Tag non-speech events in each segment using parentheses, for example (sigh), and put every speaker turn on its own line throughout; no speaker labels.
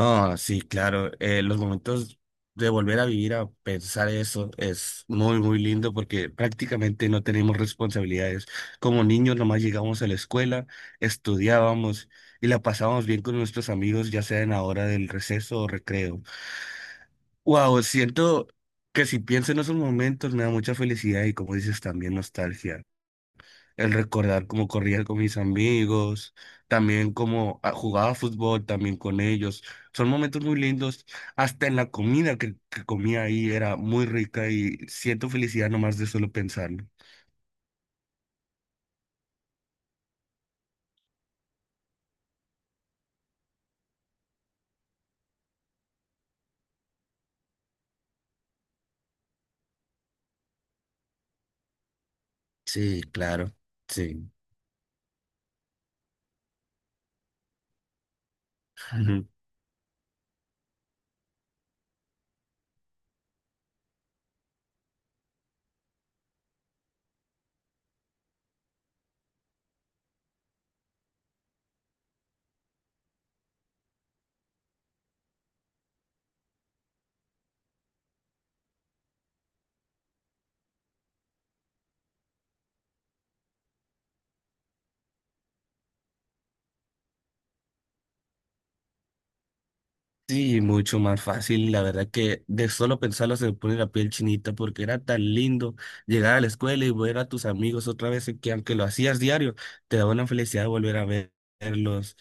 Ah, sí, claro. Los momentos de volver a vivir, a pensar eso, es muy, muy lindo porque prácticamente no tenemos responsabilidades. Como niños, nomás llegamos a la escuela, estudiábamos y la pasábamos bien con nuestros amigos, ya sea en la hora del receso o recreo. Wow, siento que si pienso en esos momentos me da mucha felicidad y como dices, también nostalgia el recordar cómo corría con mis amigos, también cómo jugaba fútbol también con ellos. Son momentos muy lindos. Hasta en la comida que comía ahí era muy rica y siento felicidad nomás de solo pensarlo. Sí, claro, sí. (laughs) Sí, mucho más fácil. La verdad que de solo pensarlo se me pone la piel chinita porque era tan lindo llegar a la escuela y ver a tus amigos otra vez que aunque lo hacías diario, te da una felicidad verlos.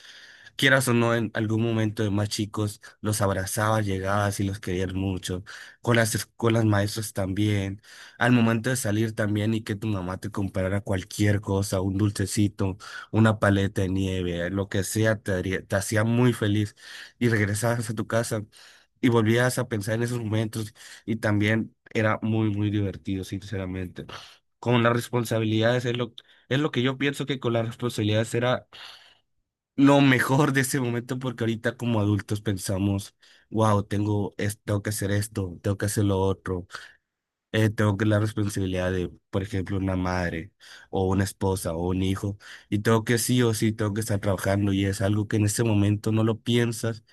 Quieras o no, en algún momento de más chicos los abrazabas, llegabas y los querías mucho. Con con las maestras también. Al momento de salir también y que tu mamá te comprara cualquier cosa, un dulcecito, una paleta de nieve, lo que sea, te hacía muy feliz y regresabas a tu casa y volvías a pensar en esos momentos y también era muy, muy divertido, sinceramente. Con las responsabilidades es lo, Es lo que yo pienso que con las responsabilidades era lo mejor de ese momento porque ahorita como adultos pensamos, wow, tengo que hacer esto, tengo que hacer lo otro, tengo que la responsabilidad de, por ejemplo, una madre o una esposa o un hijo y tengo que sí o sí, tengo que estar trabajando y es algo que en ese momento no lo piensas,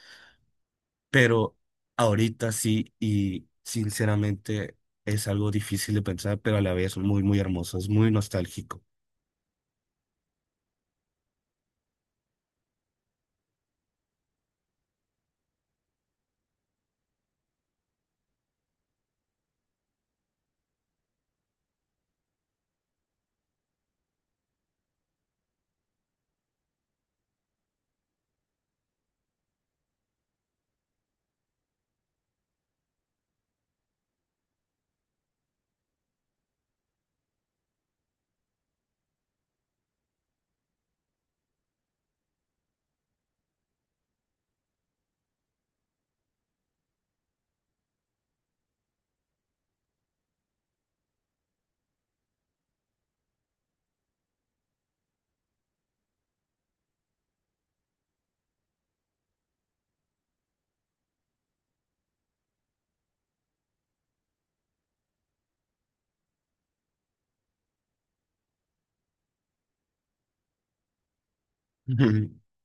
pero ahorita sí, y sinceramente es algo difícil de pensar, pero a la vez muy, muy hermoso, es muy nostálgico. (laughs)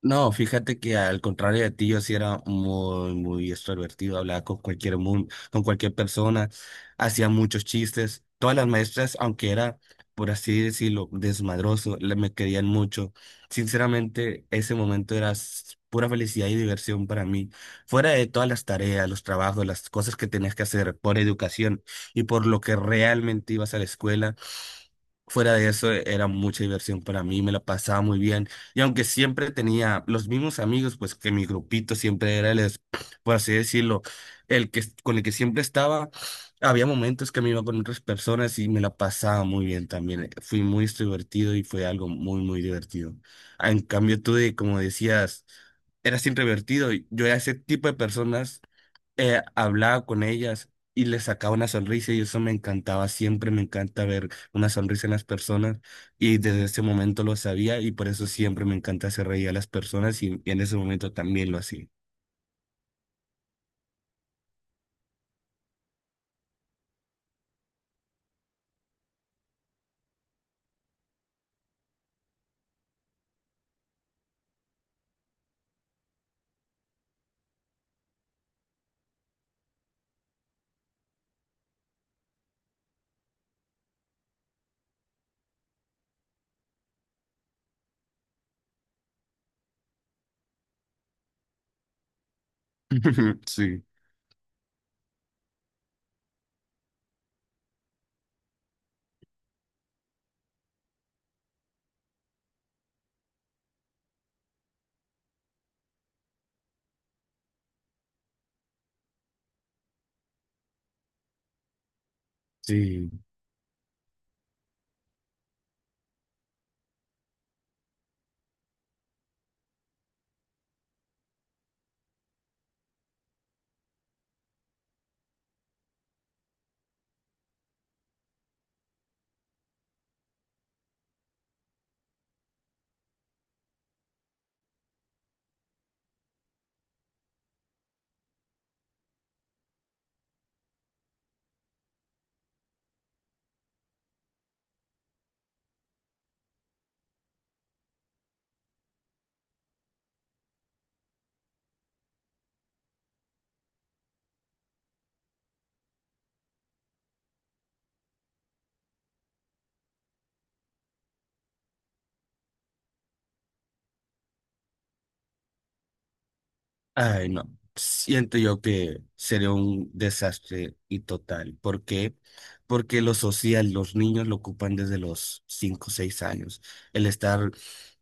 No, fíjate que al contrario de ti, yo sí era muy, muy extrovertido, hablaba con cualquier mundo, con cualquier persona, hacía muchos chistes. Todas las maestras, aunque era, por así decirlo, desmadroso, me querían mucho. Sinceramente, ese momento era pura felicidad y diversión para mí. Fuera de todas las tareas, los trabajos, las cosas que tenías que hacer por educación y por lo que realmente ibas a la escuela. Fuera de eso, era mucha diversión para mí, me la pasaba muy bien. Y aunque siempre tenía los mismos amigos, pues que mi grupito siempre era por así decirlo, el que con el que siempre estaba, había momentos que me iba con otras personas y me la pasaba muy bien también. Fui muy extrovertido y fue algo muy, muy divertido. En cambio, tú, de, como decías, eras introvertido. Yo era ese tipo de personas, hablaba con ellas y les sacaba una sonrisa y eso me encantaba, siempre me encanta ver una sonrisa en las personas y desde ese momento lo sabía, y por eso siempre me encanta hacer reír a las personas y en ese momento también lo hacía. (laughs) Sí, sí. Ay, no. Siento yo que sería un desastre y total. ¿Por qué? Porque lo social, los niños lo ocupan desde los 5 o 6 años. El estar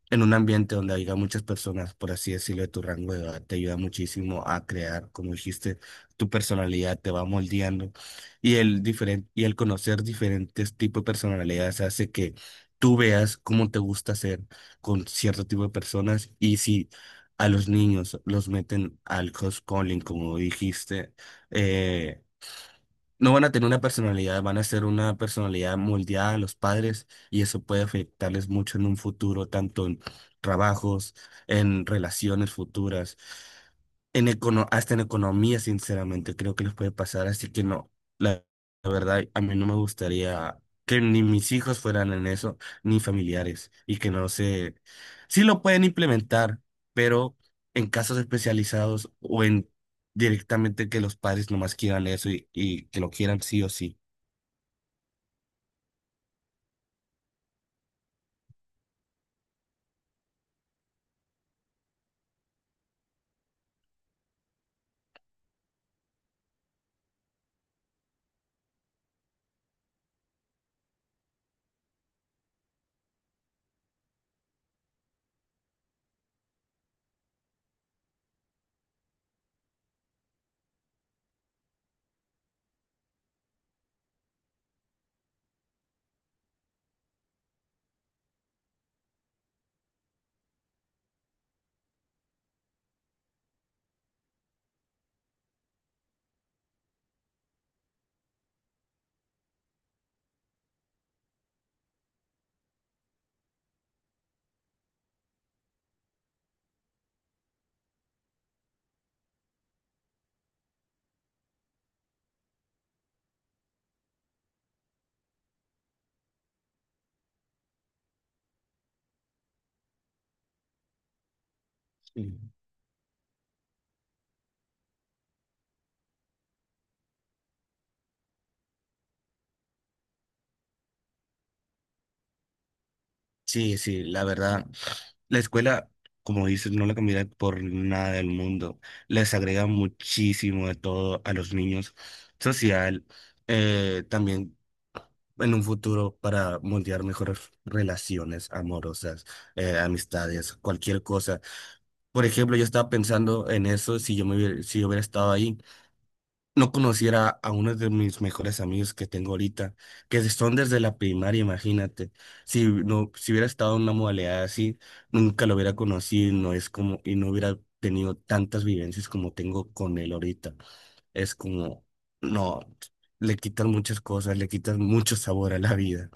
en un ambiente donde haya muchas personas, por así decirlo, de tu rango de edad, te ayuda muchísimo a crear, como dijiste, tu personalidad te va moldeando y y el conocer diferentes tipos de personalidades hace que tú veas cómo te gusta ser con cierto tipo de personas, y si a los niños los meten al homeschooling, como dijiste, eh, no van a tener una personalidad, van a ser una personalidad moldeada a los padres, y eso puede afectarles mucho en un futuro, tanto en trabajos, en relaciones futuras, en hasta en economía, sinceramente, creo que les puede pasar. Así que no, la, la verdad, a mí no me gustaría que ni mis hijos fueran en eso, ni familiares, y que no se... Sí lo pueden implementar, pero en casos especializados o en, directamente, que los padres nomás quieran eso, y que lo quieran sí o sí. Mm. Sí, sí, la verdad. La escuela, como dices, no la cambiará por nada del mundo. Les agrega muchísimo de todo a los niños. Social, también en un futuro para moldear mejores relaciones amorosas, amistades, cualquier cosa. Por ejemplo, yo estaba pensando en eso, si yo hubiera estado ahí. No conociera a uno de mis mejores amigos que tengo ahorita, que son desde la primaria, imagínate. Si no, si hubiera estado en una modalidad así, nunca lo hubiera conocido, y no es como, y no hubiera tenido tantas vivencias como tengo con él ahorita. Es como, no, le quitas muchas cosas, le quitas mucho sabor a la vida.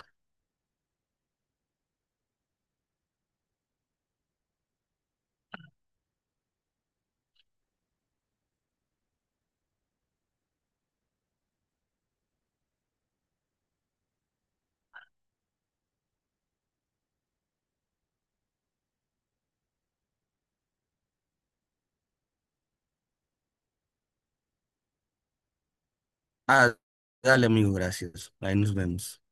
Ah, dale, amigo, gracias. Ahí nos vemos.